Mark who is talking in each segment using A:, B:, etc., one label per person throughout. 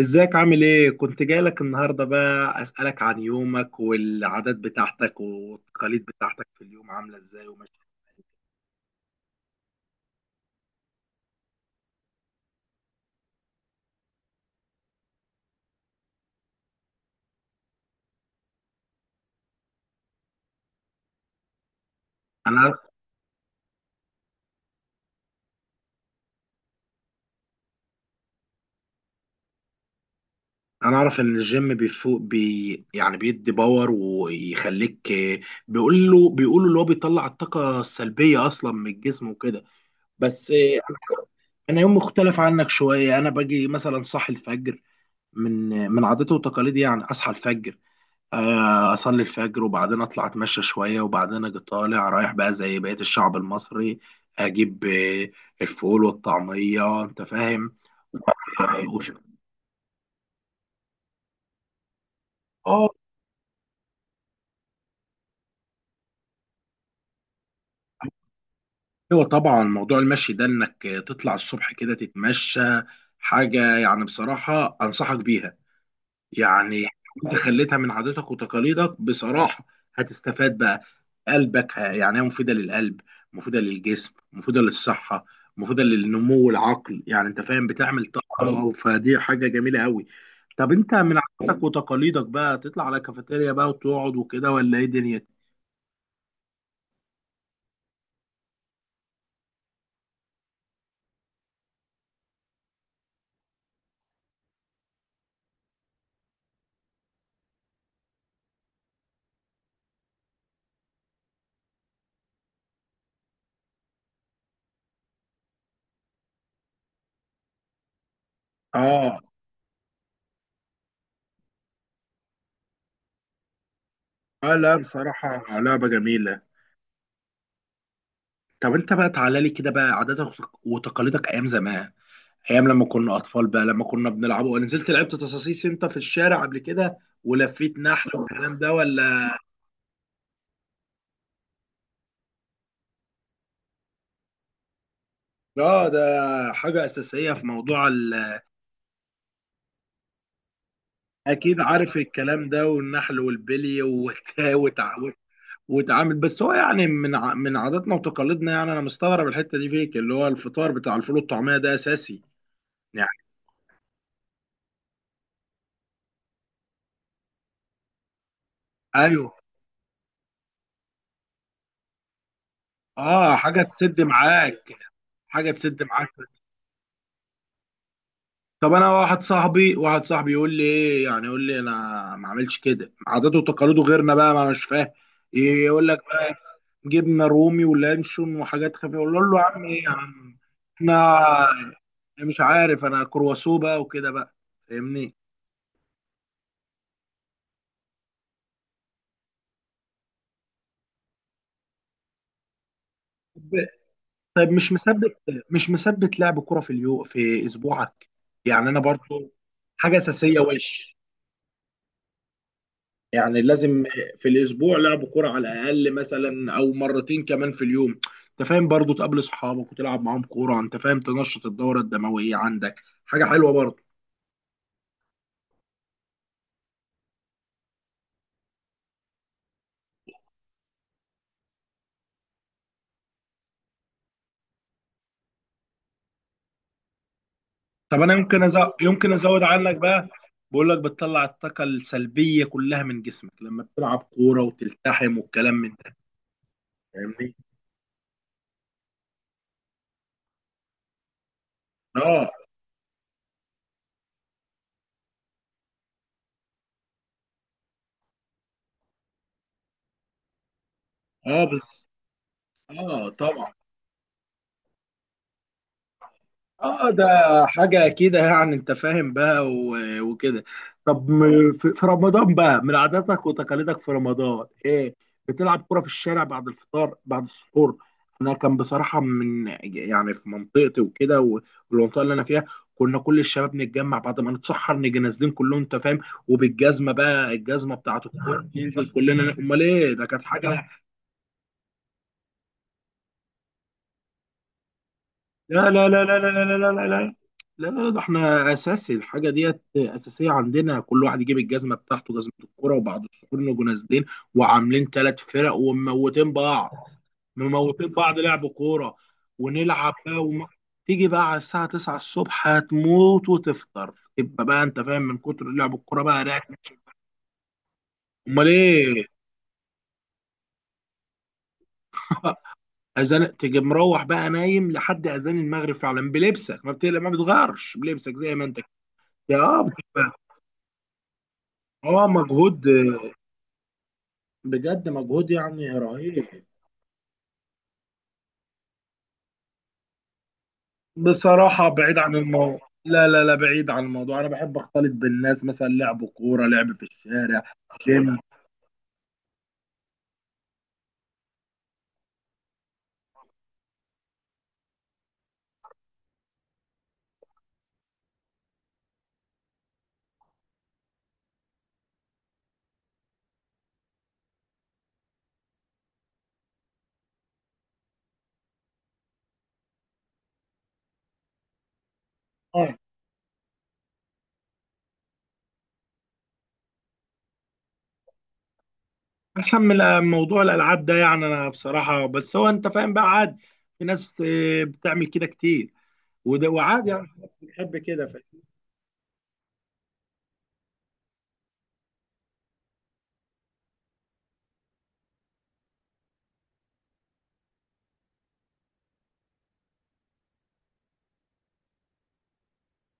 A: ازيك عامل ايه؟ كنت جايلك النهارده بقى اسألك عن يومك والعادات بتاعتك والتقاليد بتاعتك في اليوم عاملة ازاي وماشي. انا عارف. انا اعرف ان الجيم بيفوق بي، يعني بيدي باور ويخليك، بيقولوا اللي هو بيطلع الطاقة السلبية اصلا من الجسم وكده. بس انا انا يوم مختلف عنك شوية. انا باجي مثلا صاحي الفجر من من عاداتي وتقاليدي، يعني اصحى الفجر، اصلي الفجر وبعدين اطلع اتمشى شويه وبعدين اجي طالع رايح بقى زي بقيه الشعب المصري. اجيب الفول والطعميه. انت فاهم. آه وش- آه، ايوه طبعا، موضوع المشي ده، انك تطلع الصبح كده تتمشى، حاجه يعني بصراحه انصحك بيها، يعني انت خليتها من عاداتك وتقاليدك بصراحة، هتستفاد بقى، قلبك، يعني هي مفيدة للقلب، مفيدة للجسم، مفيدة للصحة، مفيدة للنمو العقل، يعني انت فاهم، بتعمل طاقة، فدي حاجة جميلة قوي. طب انت من عاداتك وتقاليدك بقى تطلع على كافيتيريا بقى وتقعد وكده ولا ايه دنيا؟ اه. اه لا بصراحة لعبة جميلة. طب انت بقى تعالى لي كده بقى عاداتك وتقاليدك ايام زمان، ايام لما كنا اطفال بقى، لما كنا بنلعب، ولا نزلت لعبت تصاصيص انت في الشارع قبل كده ولفيت نحل والكلام ده ولا؟ اه ده حاجه اساسيه في موضوع اكيد عارف الكلام ده، والنحل والبلي وت... وتعامل، بس هو يعني من عاداتنا وتقاليدنا، يعني انا مستغرب الحته دي فيك، اللي هو الفطار بتاع الفول والطعميه ده اساسي، يعني. ايوه. اه حاجه تسد معاك، حاجه تسد معاك. طب انا واحد صاحبي يقول لي ايه، يعني يقول لي انا ما اعملش كده، عاداته وتقاليده غيرنا بقى، ما انا مش فاهم. يقول لك بقى جبنه رومي ولانشون وحاجات خفيفه، اقول له يا عم ايه يا عم، انا مش عارف، انا كرواسو بقى وكده بقى، فاهمني. طب طب مش مثبت، مش مثبت لعب كرة في اليوم في اسبوعك؟ يعني انا برضو حاجه اساسيه، يعني لازم في الاسبوع لعب كوره على الاقل مثلا، او مرتين كمان في اليوم، انت فاهم، برضو تقابل اصحابك وتلعب معاهم كوره، انت فاهم، تنشط الدوره الدمويه عندك، حاجه حلوه برضو. طب انا يمكن ازود عنك بقى، بقول لك بتطلع الطاقه السلبيه كلها من جسمك لما بتلعب كوره وتلتحم والكلام من ده، فاهمني. اه. اه بس. اه طبعا. اه ده حاجة كده، يعني انت فاهم بقى وكده. طب في رمضان بقى، من عاداتك وتقاليدك في رمضان ايه؟ بتلعب كرة في الشارع بعد الفطار بعد السحور؟ انا كان بصراحة من، يعني في منطقتي وكده والمنطقة اللي انا فيها، كنا كل الشباب نتجمع بعد ما نتسحر نيجي نازلين كلهم، انت فاهم، وبالجزمة بقى الجزمة بتاعت الكورة ننزل كلنا، امال ايه، ده كانت حاجة. لا لا لا لا لا لا لا لا لا لا، لا لا، ده احنا اساسي، الحاجه ديت اساسيه عندنا، كل واحد يجيب الجزمه بتاعته، جزمه الكوره، وبعض السحور نجوا نازلين وعاملين 3 فرق ومموتين بعض، مموتين بعض لعب كوره، ونلعب بقى تيجي بقى على الساعه 9 الصبح هتموت وتفطر تبقى بقى، انت فاهم، من كتر لعب الكوره بقى راكب. امال ايه. اذان، تيجي مروح بقى نايم لحد اذان المغرب، فعلا بلبسك، ما بتقلق ما بتغيرش بلبسك زي ما انت، يا بتبقى. اه مجهود، بجد مجهود يعني رهيب. بصراحة بعيد عن الموضوع، لا لا لا، بعيد عن الموضوع، انا بحب اختلط بالناس، مثلا لعب كورة، لعب في الشارع. جيم. اه احسن من موضوع الالعاب ده، يعني انا بصراحة، بس هو انت فاهم بقى، عادي. في ناس بتعمل كده كتير، وده وعادي، يعني في ناس بتحب كده.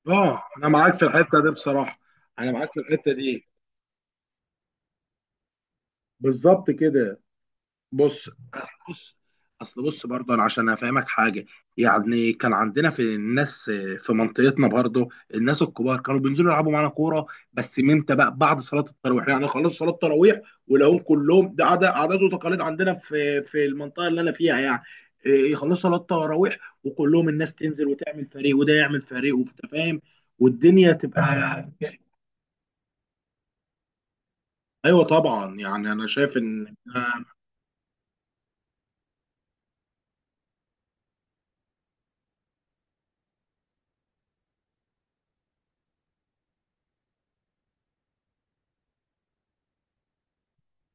A: اه انا معاك في الحتة دي بصراحة، انا معاك في الحتة دي، بالظبط كده. بص اصل بص بص برضه انا عشان افهمك حاجه، يعني كان عندنا في الناس، في منطقتنا برضه، الناس الكبار كانوا بينزلوا يلعبوا معانا كوره، بس من امتى بقى؟ بعد صلاه التراويح، يعني خلاص صلاه التراويح ولاقوهم كلهم، ده عادة، عادات وتقاليد عندنا في المنطقه اللي انا فيها، يعني يخلصوا صلاه التراويح وكلهم الناس تنزل وتعمل فريق وده يعمل فريق وانت فاهم والدنيا تبقى. ايوه طبعا، يعني انا شايف ان.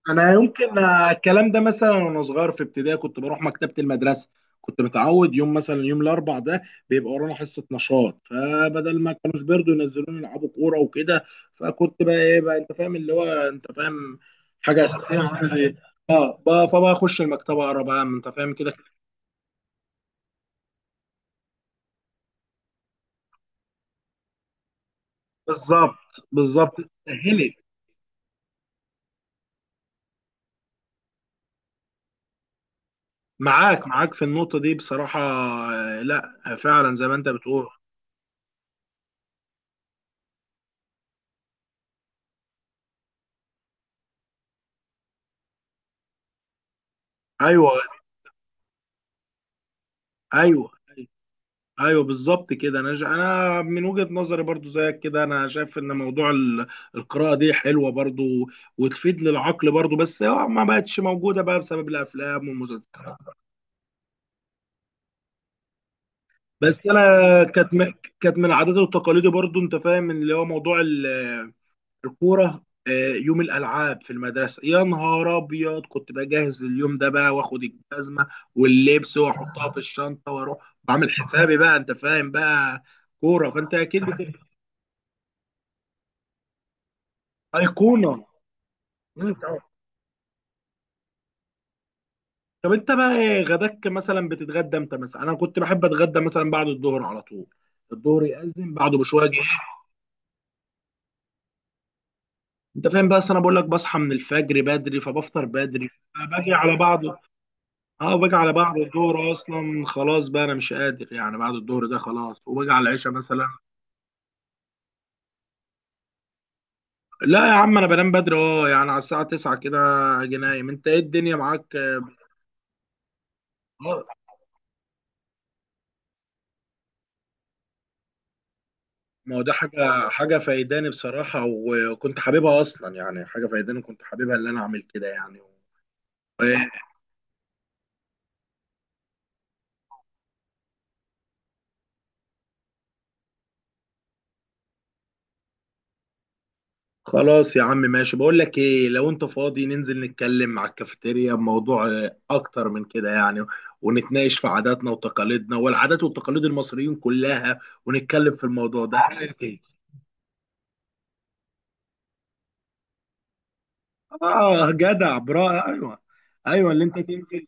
A: انا يمكن الكلام ده مثلا، وانا صغير في ابتدائي كنت بروح مكتبه المدرسه، كنت متعود يوم، مثلا يوم الاربع ده، بيبقى ورانا حصه نشاط، فبدل ما كانوش بيرضوا ينزلوني يلعبوا كوره وكده، فكنت بقى ايه بقى، انت فاهم، اللي هو انت فاهم، حاجه اساسيه عندي. اه، فبقى اخش المكتبه اقرا بقى، انت فاهم كده. بالظبط، بالظبط. سهلت. معاك في النقطه دي بصراحه. لا فعلا زي ما انت بتقول. ايوه. ايوه. ايوه بالظبط كده، انا انا من وجهة نظري برضو زيك كده، انا شايف ان موضوع القراءة دي حلوة برضو، وتفيد للعقل برضو، بس هو ما بقتش موجودة بقى بسبب الافلام والمسلسلات. بس انا كانت كانت من عاداتي وتقاليدي برضو، انت فاهم، اللي هو موضوع الكورة، يوم الالعاب في المدرسة، يا نهار ابيض، كنت بجهز لليوم ده بقى، واخد الجزمة واللبس واحطها في الشنطة واروح، بعمل حسابي بقى انت فاهم، بقى كورة، فانت اكيد ايقونة. مم، طبعا. طب انت بقى ايه غداك، مثلا بتتغدى امتى مثلا؟ انا كنت بحب اتغدى مثلا بعد الظهر على طول، الظهر يأذن بعده بشويه جه. انت فاهم، بس انا بقول لك بصحى من الفجر بدري، فبفطر بدري، باجي على بعضه. اه باجي على بعض الظهر اصلا، خلاص بقى انا مش قادر، يعني بعد الظهر ده خلاص، وباجي على العشاء مثلا. لا يا عم، انا بنام بدري، اه يعني على الساعه 9 كده اجي نايم. انت ايه الدنيا معاك؟ اه ما هو ده حاجة حاجة فايداني بصراحة، وكنت حاببها أصلا، يعني حاجة فايداني كنت حاببها إن أنا أعمل كده، يعني. خلاص يا عم ماشي، بقول لك إيه، لو أنت فاضي ننزل نتكلم على الكافيتيريا بموضوع، أكتر من كده يعني، ونتناقش في عاداتنا وتقاليدنا والعادات والتقاليد المصريين كلها، ونتكلم في الموضوع ده، إيه رأيك إيه؟ آه جدع، برا أيوه. أيوه اللي أنت تنزل.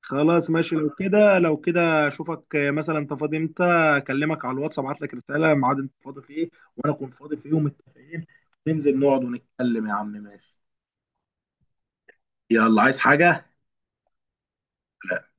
A: خلاص ماشي، لو كده، اشوفك مثلا انت فاضي امتى، اكلمك على الواتس، ابعت لك رساله ميعاد انت فاضي فيه، وانا اكون فاضي فيه، ومتفقين ننزل نقعد ونتكلم. يا عم ماشي. يلا، عايز حاجه؟